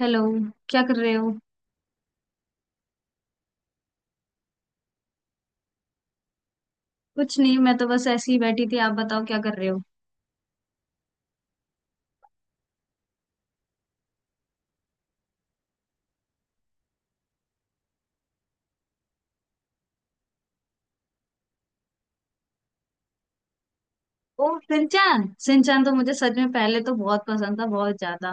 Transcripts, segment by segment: Hello. क्या कर रहे हो? कुछ नहीं, मैं तो बस ऐसे ही बैठी थी। आप बताओ, क्या कर रहे हो? ओ सिंचान, सिंचान तो मुझे सच में पहले तो बहुत पसंद था, बहुत ज्यादा।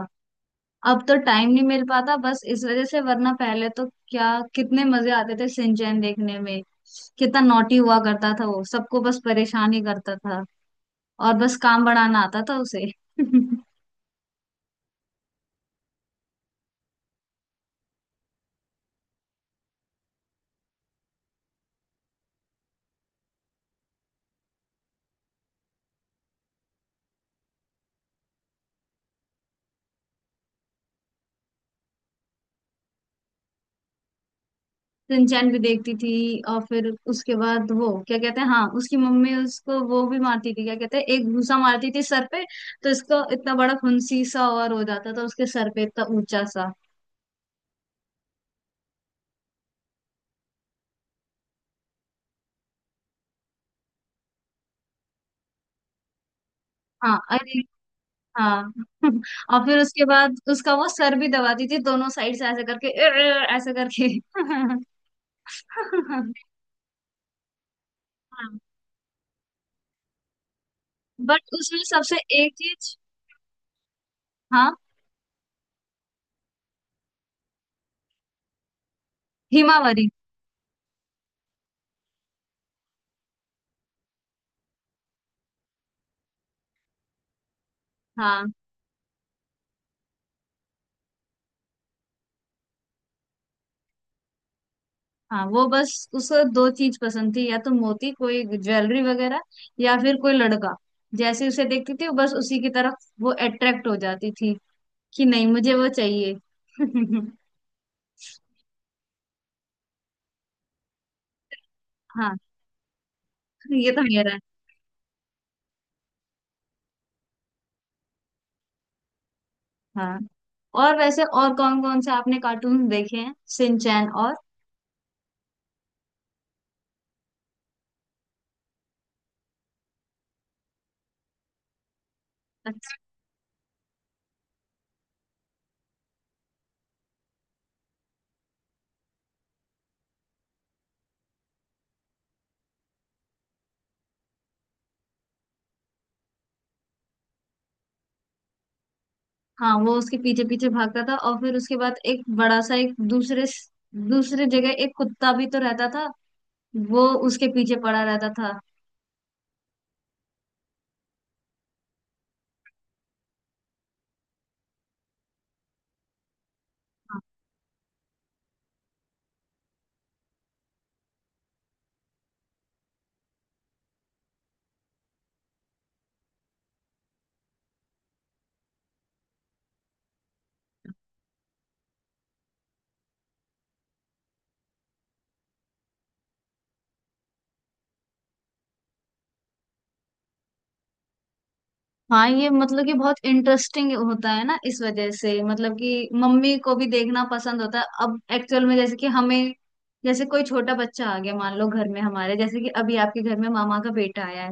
अब तो टाइम नहीं मिल पाता, बस इस वजह से, वरना पहले तो क्या कितने मजे आते थे सिंचैन देखने में। कितना नॉटी हुआ करता था वो, सबको बस परेशान ही करता था। और बस काम बढ़ाना आता था उसे। सिंचैन भी देखती थी। और फिर उसके बाद वो क्या कहते हैं, हाँ, उसकी मम्मी उसको वो भी मारती थी। क्या कहते हैं, एक भूसा मारती थी सर पे। तो इसको इतना बड़ा फुंसी सा और हो जाता था उसके सर पे, इतना ऊंचा सा। हाँ, अरे हाँ। और फिर उसके बाद उसका वो सर भी दबाती थी, दोनों साइड से ऐसे करके "अर्र" ऐसे करके। हाँ। बट उसमें सबसे एक चीज हाँ, हिमावरी। हाँ। हाँ, वो बस उसको दो चीज पसंद थी, या तो मोती कोई ज्वेलरी वगैरह, या फिर कोई लड़का। जैसे उसे देखती थी वो बस उसी की तरफ वो अट्रैक्ट हो जाती थी कि नहीं, मुझे वो चाहिए। हाँ, ये तो मेरा है। हाँ। और वैसे और कौन कौन से आपने कार्टून देखे हैं सिंचैन और? अच्छा। हाँ, वो उसके पीछे पीछे भागता था और फिर उसके बाद एक बड़ा सा एक दूसरे, दूसरे जगह एक कुत्ता भी तो रहता था। वो उसके पीछे पड़ा रहता था। हाँ, ये मतलब कि बहुत इंटरेस्टिंग होता है ना, इस वजह से मतलब कि मम्मी को भी देखना पसंद होता है। अब एक्चुअल में जैसे कि हमें जैसे कोई छोटा बच्चा आ गया, मान लो घर में हमारे, जैसे कि अभी आपके घर में मामा का बेटा आया है,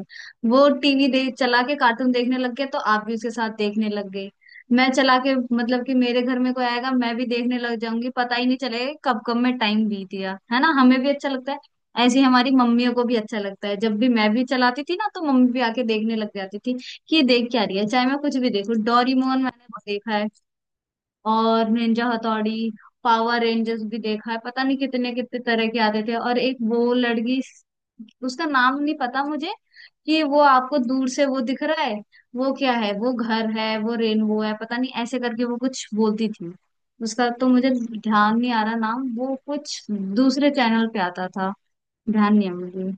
वो टीवी दे चला के कार्टून देखने लग गया तो आप भी उसके साथ देखने लग गए। मैं चला के मतलब कि मेरे घर में कोई आएगा मैं भी देखने लग जाऊंगी, पता ही नहीं चलेगा कि कब कब में टाइम बीत गया। है ना, हमें भी अच्छा लगता है, ऐसे ही हमारी मम्मियों को भी अच्छा लगता है। जब भी मैं भी चलाती थी ना, तो मम्मी भी आके देखने लग जाती थी, ये देख क्या रही है। चाहे मैं कुछ भी देखूं, डोरीमोन मैंने बहुत देखा है, और निंजा हथौड़ी, पावर रेंजर्स भी देखा है। पता नहीं कितने कितने तरह के आते थे। और एक वो लड़की, उसका नाम नहीं पता मुझे, कि वो आपको दूर से वो दिख रहा है, वो क्या है, वो घर है, वो रेनबो है, पता नहीं ऐसे करके वो कुछ बोलती थी। उसका तो मुझे ध्यान नहीं आ रहा नाम, वो कुछ दूसरे चैनल पे आता था। ध्यान नहीं है मुझे।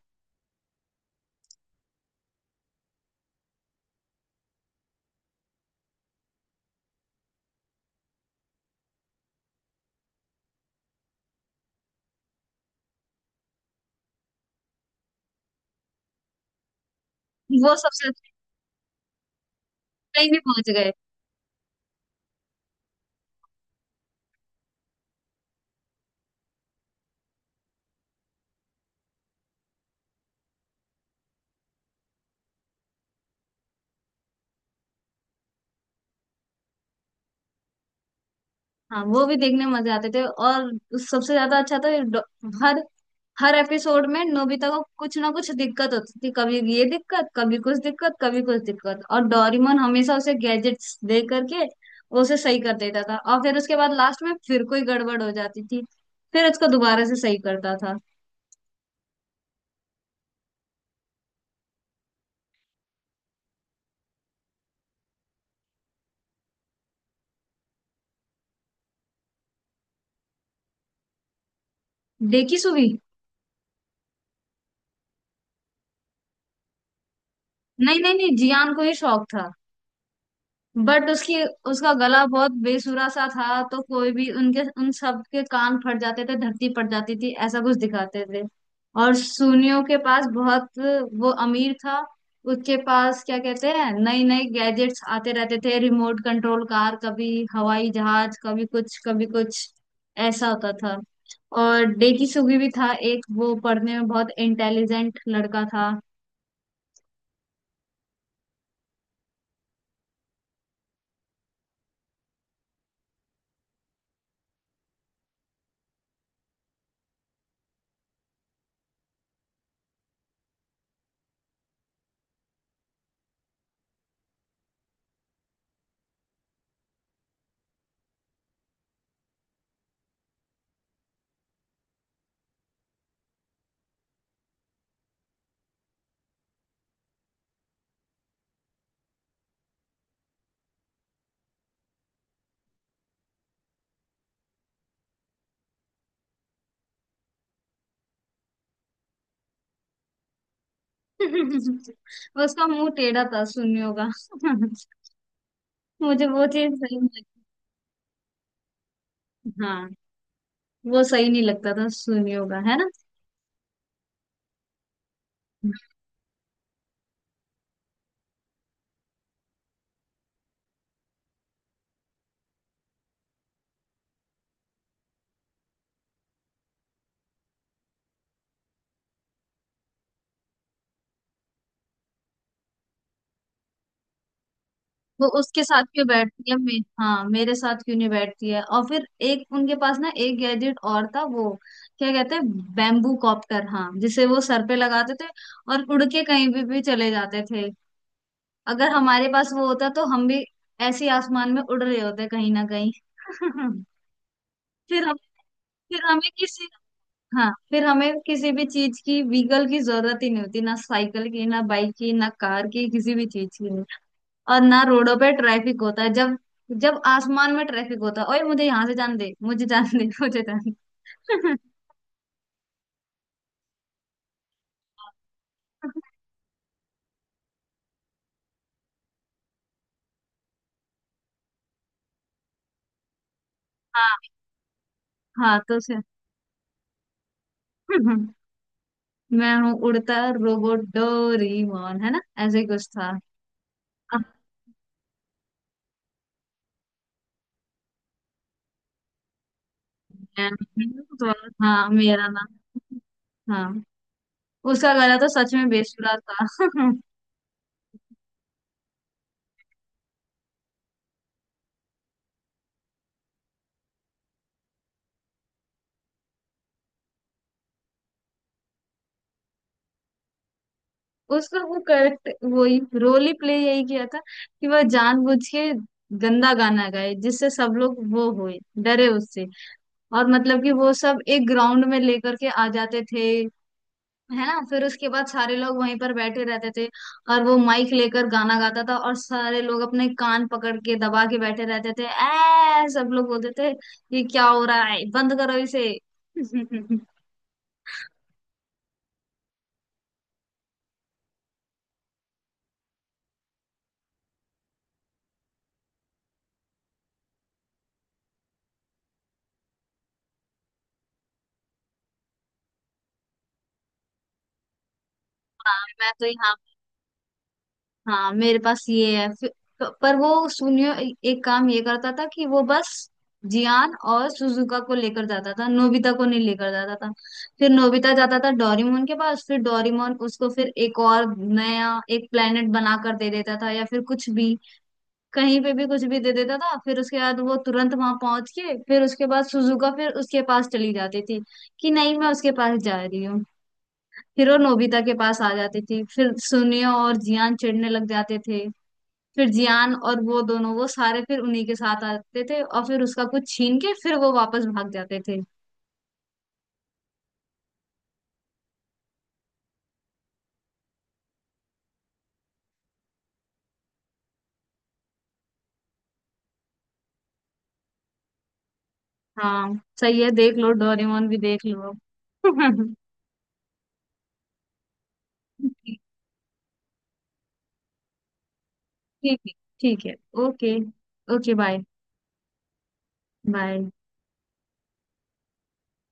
वो सबसे कहीं भी पहुंच गए। हाँ, वो भी देखने में मजे आते थे। और सबसे ज्यादा अच्छा था हर, हर एपिसोड में नोबिता को कुछ ना कुछ दिक्कत होती थी, कभी ये दिक्कत, कभी कुछ दिक्कत, कभी कुछ दिक्कत, और डोरेमोन हमेशा उसे गैजेट्स दे करके वो उसे सही कर देता था। और फिर उसके बाद लास्ट में फिर कोई गड़बड़ हो जाती थी, फिर उसको दोबारा से सही करता था। देखी सुवी। नहीं नहीं नहीं, जियान को ही शौक था। बट उसकी, उसका गला बहुत बेसुरा सा था तो कोई भी उनके उन सब के कान फट जाते थे, धरती फट जाती थी, ऐसा कुछ दिखाते थे। और सुनियों के पास बहुत, वो अमीर था। उसके पास क्या कहते हैं, नई नई गैजेट्स आते रहते थे, रिमोट कंट्रोल कार कभी, हवाई जहाज कभी, कुछ कभी, कुछ ऐसा होता था। और डेकी सुगी भी था एक, वो पढ़ने में बहुत इंटेलिजेंट लड़का था। उसका मुंह टेढ़ा था सुनियों का। मुझे वो चीज सही नहीं लगती। हाँ, वो सही नहीं लगता था सुनी होगा, है ना। वो उसके साथ क्यों बैठती है हाँ, मेरे साथ क्यों नहीं बैठती है? और फिर एक उनके पास ना एक गैजेट और था, वो क्या कहते हैं बैम्बू कॉप्टर, हाँ, जिसे वो सर पे लगाते थे और उड़ के कहीं भी चले जाते थे। अगर हमारे पास वो होता तो हम भी ऐसे ही आसमान में उड़ रहे होते कहीं ना कहीं। फिर हम फिर हमें किसी हाँ, फिर हमें किसी भी चीज की, व्हीकल की जरूरत ही नहीं होती, ना साइकिल की, ना बाइक की, ना कार की, किसी भी चीज की नहीं। और ना रोडों पे ट्रैफिक होता है। जब जब आसमान में ट्रैफिक होता है, ओए मुझे यहाँ से जान दे, मुझे जान दे, मुझे जान दे। हाँ। हाँ तो से। मैं हूँ उड़ता रोबोट डोरीमोन, है ना, ऐसे ही कुछ था। अब मैं- तो- हाँ, मेरा नाम। हाँ, उसका गला तो सच में बेसुरा था। उसका वो करेक्ट वही रोल ही प्ले यही किया था कि वह जानबूझ के गंदा गाना गाए, जिससे सब लोग वो होए डरे उससे। और मतलब कि वो सब एक ग्राउंड में लेकर के आ जाते थे, है ना, फिर उसके बाद सारे लोग वहीं पर बैठे रहते थे, और वो माइक लेकर गाना गाता था और सारे लोग अपने कान पकड़ के दबा के बैठे रहते थे। ऐ, सब लोग बोलते थे ये क्या हो रहा है, बंद करो इसे। हाँ, मैं तो यहाँ, हाँ मेरे पास ये है। पर वो सुनियो एक काम ये करता था कि वो बस जियान और सुजुका को लेकर जाता था, नोबिता को नहीं लेकर जाता था। फिर नोबिता जाता था डोरेमोन के पास, फिर डोरेमोन उसको फिर एक और नया एक प्लेनेट बना कर दे देता था, या फिर कुछ भी, कहीं पे भी कुछ भी दे देता था। फिर उसके बाद वो तुरंत वहां पहुंच के, फिर उसके बाद सुजुका फिर उसके पास चली जाती थी कि नहीं, मैं उसके पास जा रही हूँ। फिर वो नोबिता के पास आ जाती थी, फिर सुनियो और जियान चिढ़ने लग जाते थे। फिर जियान और वो दोनों, वो सारे फिर उन्हीं के साथ आते थे और फिर उसका कुछ छीन के फिर वो वापस भाग जाते थे। हाँ, सही है, देख लो डोरेमोन भी देख लो। ठीक। ठीक है। ठीक है। ओके। Okay, bye. बाय।